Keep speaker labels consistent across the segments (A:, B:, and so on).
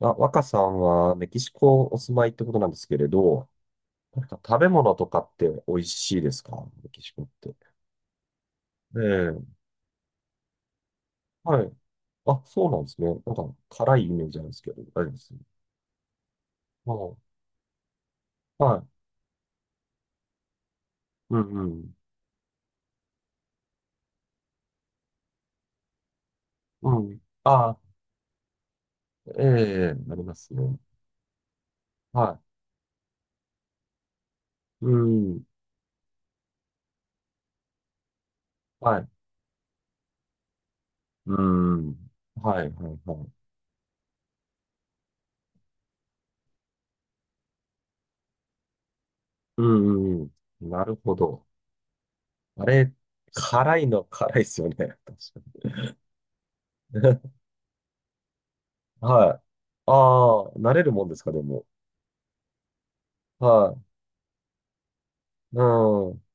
A: あ、若さんはメキシコお住まいってことなんですけれど、なんか食べ物とかって美味しいですか？メキシコって。ええ、はい。あ、そうなんですね。なんか辛いイメージなんですけど、大丈夫です。はい。はい。うんうん。うん。あ、ええ、なりますね。はい。うん。はい。うん。はい、はい、はい。うんうんうん。なるほど。あれ、辛いの辛いですよね。確かに。はい。ああ、慣れるもんですか、でも。はい。うん。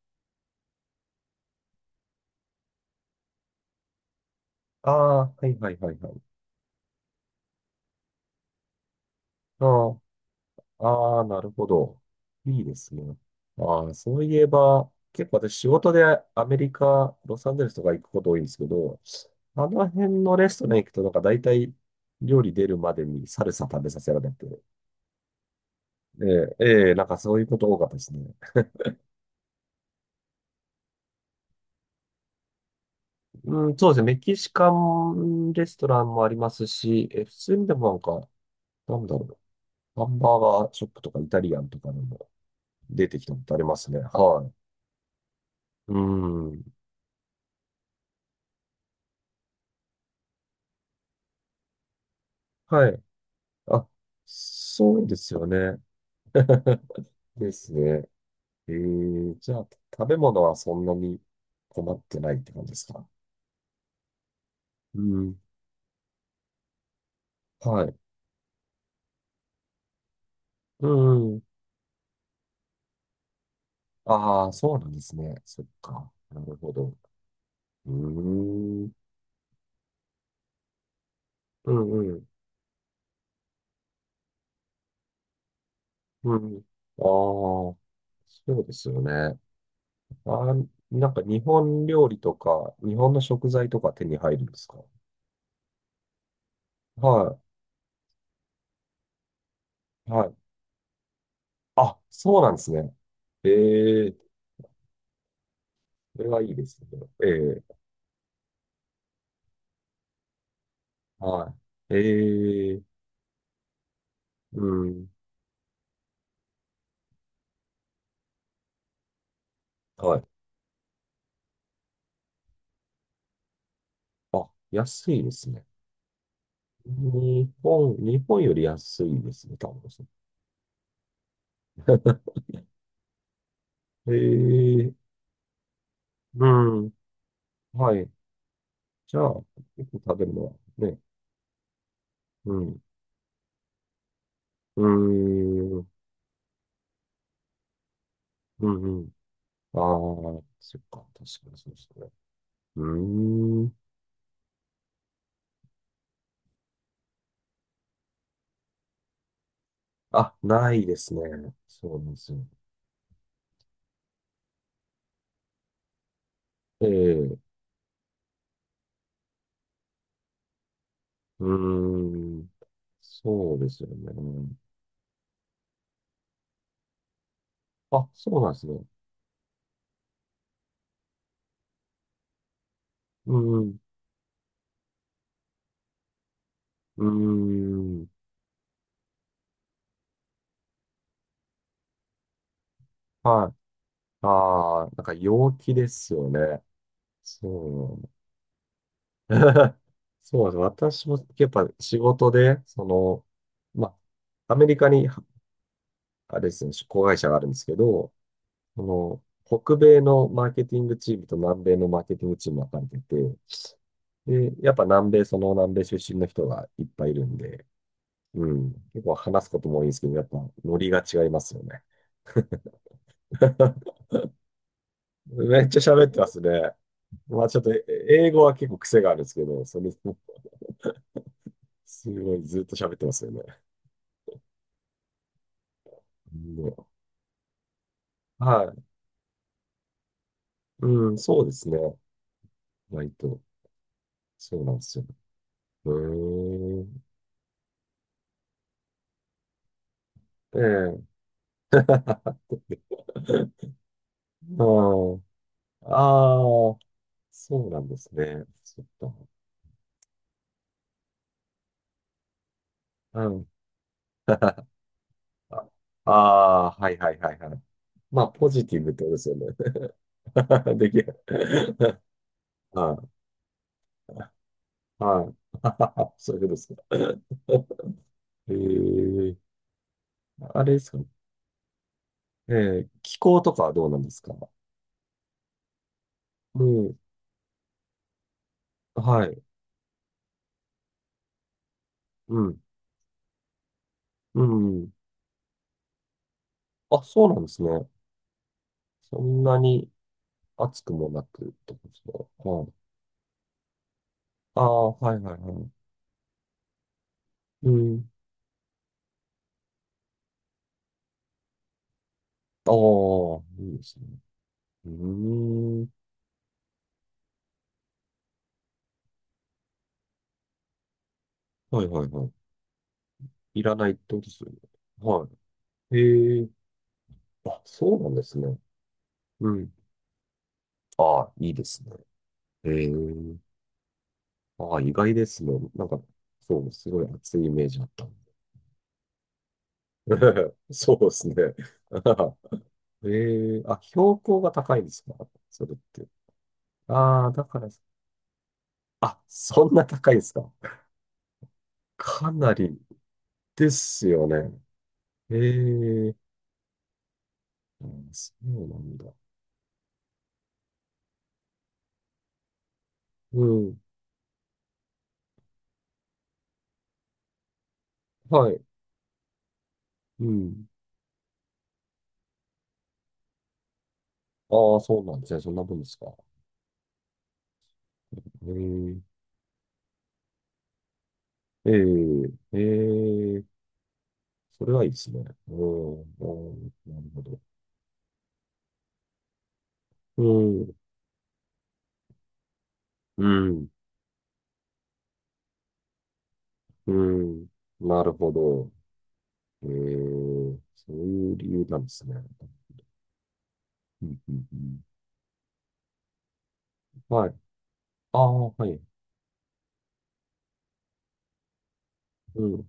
A: ああ、はいはいはいはい。うん。ああ、なるほど。いいですね。ああ、そういえば、結構私仕事でアメリカ、ロサンゼルスとか行くこと多いんですけど、あの辺のレストラン行くとなんか大体料理出るまでにサルサ食べさせられて、ええ、ええなんかそういうこと多かったですね。うん、そうですね。メキシカンレストランもありますし、え、普通にでもなんか、なんだろう。ハンバーガーショップとかイタリアンとかでも出てきたことありますね。はい。うん。はい。あ、そうですよね。ですね。じゃあ、食べ物はそんなに困ってないって感じですか？うん。はい。うんうん。ああ、そうなんですね。そっか。なるほど。うーん。うんうん。うん。ああ、そうですよね。あー、なんか日本料理とか、日本の食材とか手に入るんですか？はい。はい。あ、そうなんですね。ええ、これはいいですね。ええ、はい。ええ、うん、はい。あ、安いですね。日本より安いですね、多分ですね。ええ、うん、はい。じゃあ、結構食べるのはね、うん、うん、うん、うん。ああ、そっか、確かにそうですね。うーん。あ、ないですね。そうなんですよ。ええうーん。そうですよね。あ、そうなんですね。うん。うん。はい。ああ、なんか陽気ですよね。そう。そうなんです。私もやっぱ仕事で、その、まあ、アメリカに、あれですね、子会社があるんですけど、その、北米のマーケティングチームと南米のマーケティングチームが分かれてて、で、やっぱ南米、その南米出身の人がいっぱいいるんで、うん。結構話すことも多いんですけど、やっぱノリが違いますよね。めっちゃ喋ってますね。まあちょっと英語は結構癖があるんですけど、それすごいずっと喋ってますよね。うんはい。うん、そうですね。割と。そうなんですよ。うーん。ええ。うん。ああ、そうなんですね。そっか。うん。ああー、はいはいはいはい。まあ、ポジティブってことですよね。できる。はいはい。そういうことですか。ええあれですかね。え気候とかはどうなんですか？うん。はい。うん。うん。あ、そうなんですね。そんなに暑くもなくってことですか。はい。ああ、はいはいはい。うん。ああ、いいですね。うーん。はいはいはい。いらないってことですよね。はい。ええあ、そうなんですね。うん。ああ、いいですね。ええああ、意外ですね。なんか、そう、すごい熱いイメージあったんで。そうですね。ええあ、標高が高いんですか？それって。ああ、だから、あ、そんな高いんですか？ かなりですよね。ええあそうなんだ。うん。はい。うん。ああ、そうなんですね。そんな分ですか。ええええええそれはいいですね。うん。うんなるほど。うん。うん。うん。なるほど。えー、そういう理由なんですね。うんうんうん。はい。ああ、はい。うん。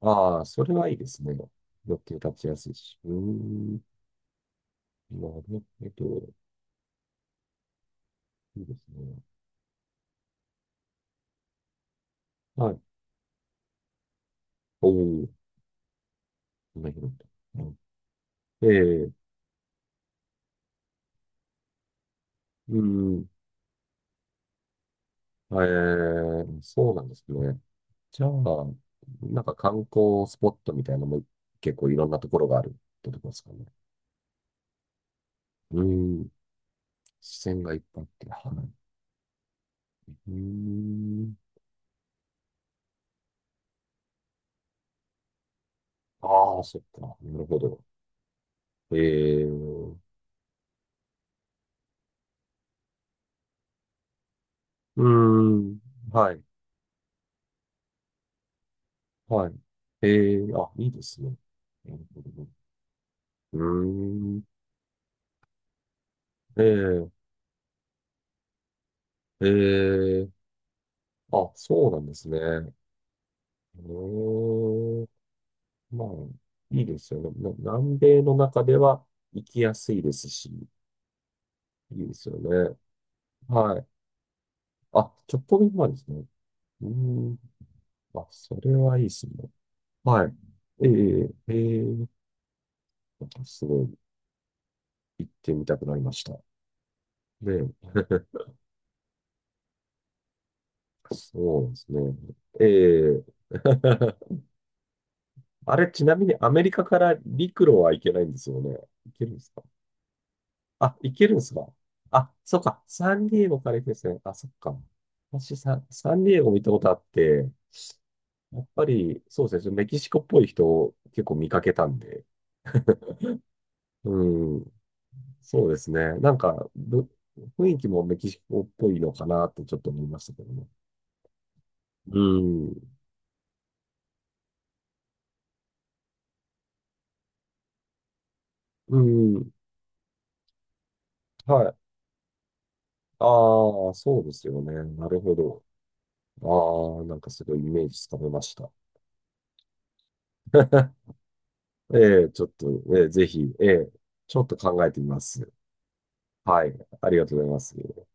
A: ああ、それはいいですね。予定立ちやすいし。うーん。なるほど。いいですね。はい。おお、こんなるほど。ええうん。えー、そうなんですね。じゃあ、なんか観光スポットみたいなのも結構いろんなところがあるってとこですかね。うん。視線がいっぱいあって。はいうーん。ああ、そっか。なるほど。ええうーん。はい。はい。ええあ、いいですね。なるほどね。うーん。ええええあ、そうなんですね。うーまあ、いいですよね。南米の中では行きやすいですし、いいですよね。はい。あ、ちょっと前ですね。うーん。あ、それはいいですね。はい。ええええすごい。行ってみたくなりました。で、そうですね。ええ あれ、ちなみにアメリカから陸路は行けないんですよね。行けるんですか？あ、行けるんですか？あ、そっか。サンディエゴから行くんですね。あ、そっか。私サンディエゴ見たことあって、やっぱり、そうですね。メキシコっぽい人を結構見かけたんで。うん。そうですね。なんか、雰囲気もメキシコっぽいのかなってちょっと思いましたけどね。うん。うん。はい。ああ、そうですよね。なるほど。ああ、なんかすごいイメージつかめました。ええ、ちょっと、ええ、ぜひ、ええ、ちょっと考えてみます。はい、ありがとうございます。